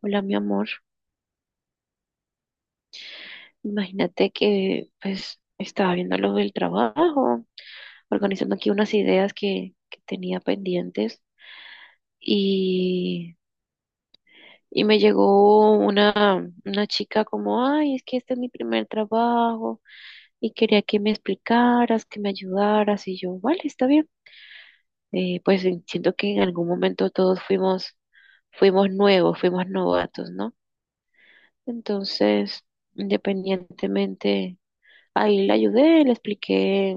Hola, mi amor. Imagínate que pues estaba viendo lo del trabajo, organizando aquí unas ideas que tenía pendientes y, y me llegó una chica como, ay, es que este es mi primer trabajo y quería que me explicaras, que me ayudaras y yo, vale, está bien. Pues siento que en algún momento todos fuimos, nuevos, fuimos novatos, ¿no? Entonces, independientemente. Ahí le ayudé, le expliqué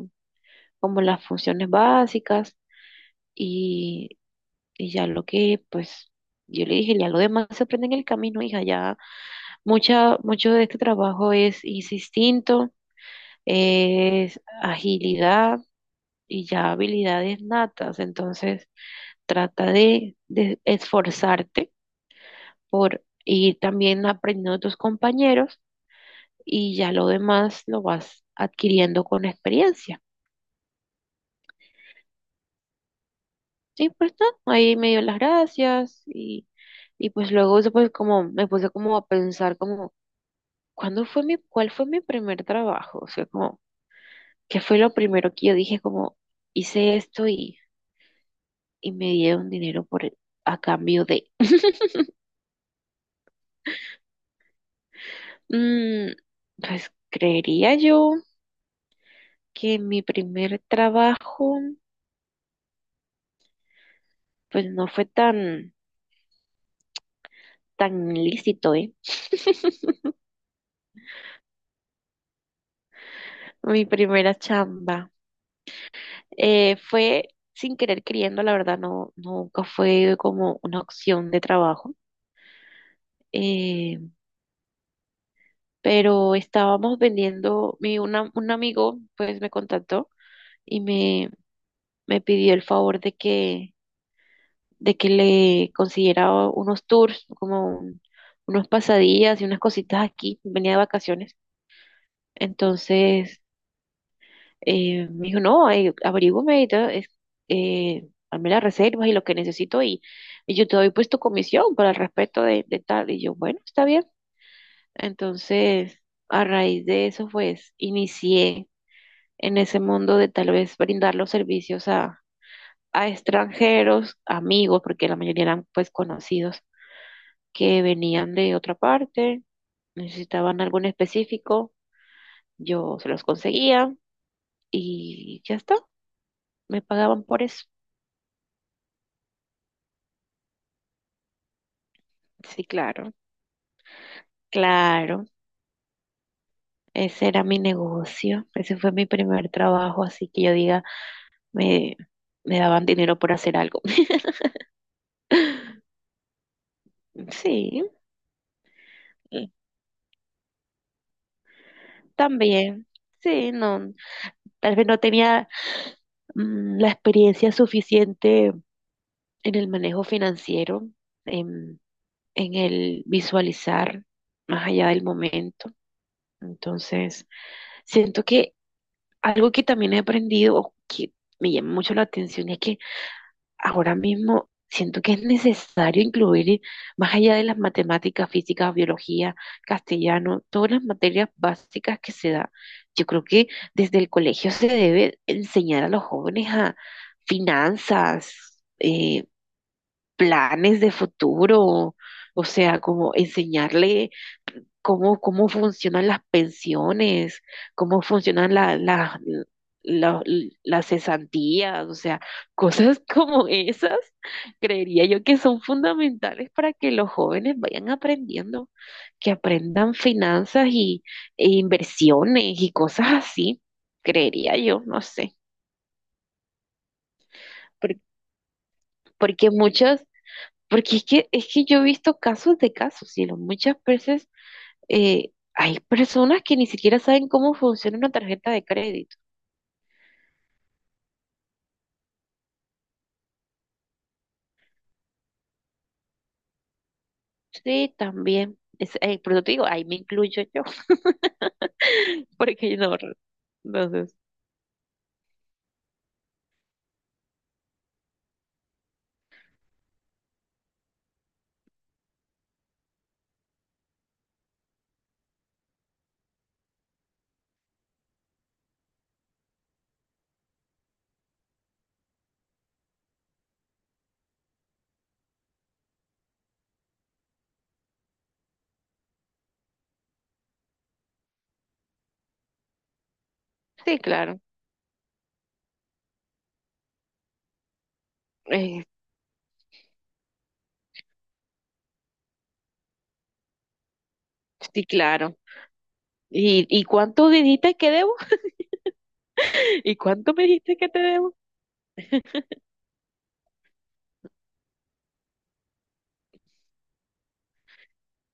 como las funciones básicas y, y ya pues, yo le dije, ya lo demás se aprende en el camino, hija, ya mucho de este trabajo es instinto, es agilidad y ya habilidades natas, entonces trata de esforzarte por ir también aprendiendo de tus compañeros y ya lo demás lo vas adquiriendo con experiencia. Sí, pues no, ahí me dio las gracias y pues luego eso pues como me puse como a pensar como, ¿cuándo fue cuál fue mi primer trabajo? O sea, como, ¿qué fue lo primero que yo dije como, hice esto y me dieron dinero a cambio de. Mm, pues creería yo que mi primer trabajo pues no fue tan lícito, ¿eh? Mi primera chamba. Fue sin querer queriendo, la verdad, no, nunca fue como una opción de trabajo. eh, pero estábamos vendiendo, un amigo pues me contactó y me pidió el favor de que le consiguiera unos tours, como unos pasadías y unas cositas aquí. Venía de vacaciones. Entonces, me dijo, no, averígüeme y todo, hazme las reservas y lo que necesito y yo te doy pues tu comisión para el respeto de tal. Y yo, bueno, está bien. Entonces, a raíz de eso, pues, inicié en ese mundo de tal vez brindar los servicios a extranjeros, amigos, porque la mayoría eran pues conocidos que venían de otra parte, necesitaban algo en específico, yo se los conseguía y ya está, me pagaban por eso. Sí, claro, claro. Ese era mi negocio. Ese fue mi primer trabajo, así que yo diga, me, me daban dinero por hacer algo. Sí, y también. Sí, no, tal vez no tenía la experiencia suficiente en el manejo financiero, en, en el visualizar más allá del momento. Entonces, siento que algo que también he aprendido, o que me llama mucho la atención, es que ahora mismo siento que es necesario incluir, más allá de las matemáticas, física, biología, castellano, todas las materias básicas que se da. Yo creo que desde el colegio se debe enseñar a los jóvenes a finanzas, planes de futuro, o sea, como enseñarle cómo funcionan las pensiones, cómo funcionan la- las cesantías, o sea, cosas como esas. Creería yo que son fundamentales para que los jóvenes vayan aprendiendo, que aprendan finanzas e inversiones y cosas así, creería yo, no sé. Por- porque muchas, porque es que yo he visto casos de casos, y muchas veces hay personas que ni siquiera saben cómo funciona una tarjeta de crédito. Sí, también, por eso te digo, ahí me incluyo yo, porque no, entonces, sí, claro, eh, sí, claro. ¿Y cuánto dijiste que debo? ¿Y cuánto me dijiste que te debo?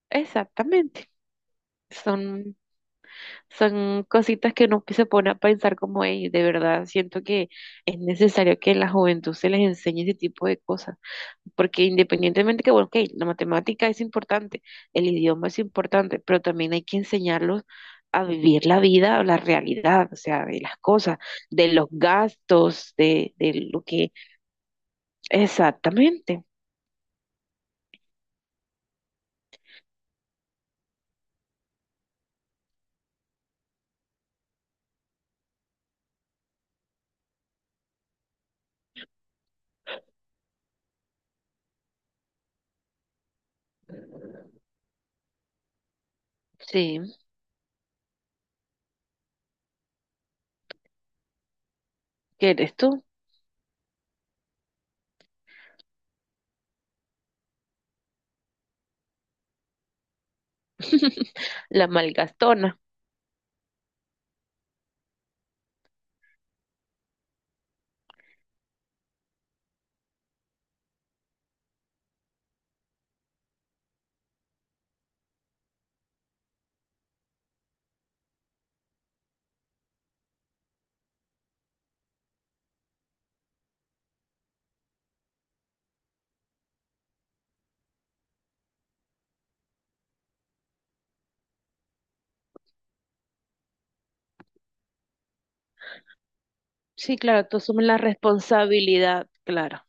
Exactamente. Son, Son cositas que uno se pone a pensar como "Ey, de verdad siento que es necesario que la juventud se les enseñe ese tipo de cosas, porque independientemente que, bueno, ok, la matemática es importante, el idioma es importante, pero también hay que enseñarlos a vivir la vida, la realidad, o sea, de las cosas, de los gastos, de lo que. Exactamente, sí, que eres tú. La malgastona. Sí, claro, tú asumes la responsabilidad, claro.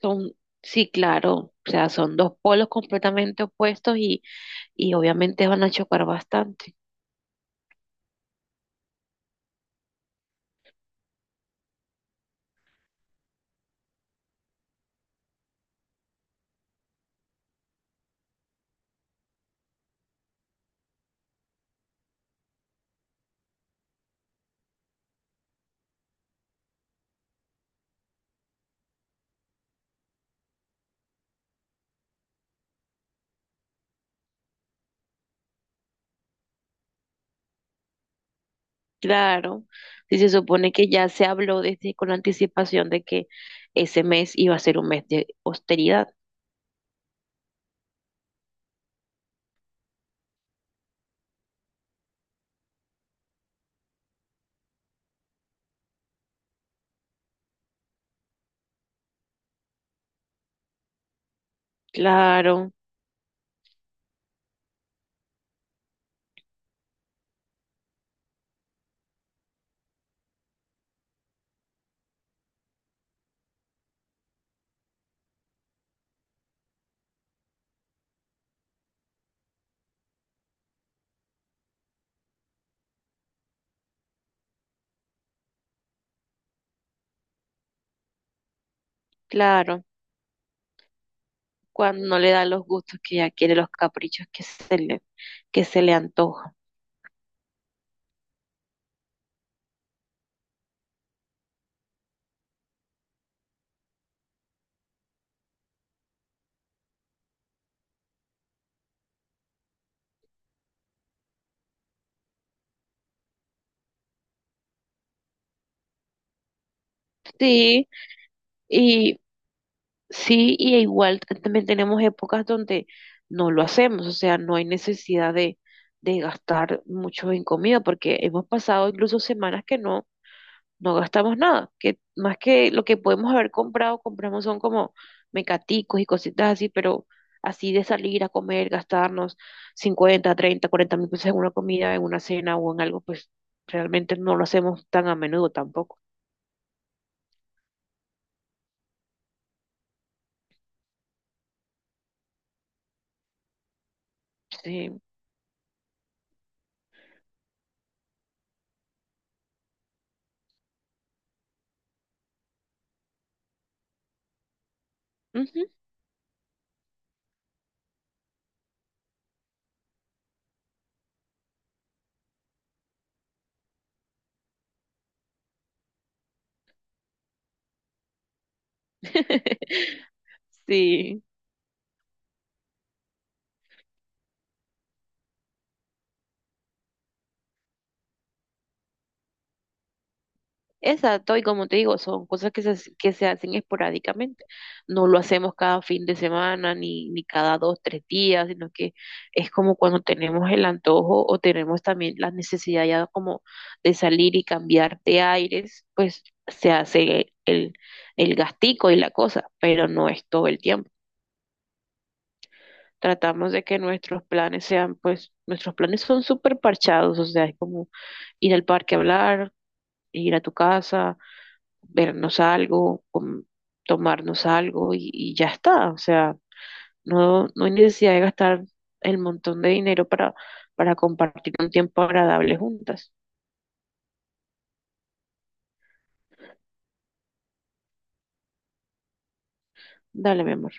Son, sí, claro, o sea, son dos polos completamente opuestos y obviamente van a chocar bastante. Claro, si se supone que ya se habló desde con anticipación de que ese mes iba a ser un mes de austeridad. Claro, claro. Cuando no le da los gustos que ella quiere, los caprichos que se le antojan. Sí, y sí, y igual también tenemos épocas donde no lo hacemos, o sea, no hay necesidad de gastar mucho en comida, porque hemos pasado incluso semanas que no gastamos nada, que más que lo que podemos haber comprado, compramos son como mecaticos y cositas así, pero así de salir a comer, gastarnos 50.000, 30.000, 40.000 pesos en una comida, en una cena o en algo, pues realmente no lo hacemos tan a menudo tampoco. Sí. Ujú. Sí. Exacto, y como te digo, son cosas que se hacen esporádicamente. No lo hacemos cada fin de semana ni cada dos, tres días, sino que es como cuando tenemos el antojo o tenemos también la necesidad ya como de salir y cambiar de aires, pues se hace el gastico y la cosa, pero no es todo el tiempo. Tratamos de que nuestros planes pues nuestros planes son súper parchados, o sea, es como ir al parque a hablar, ir a tu casa vernos algo, tomarnos algo y ya está. O sea, no hay necesidad de gastar el montón de dinero para compartir un tiempo agradable juntas. Dale, mi amor.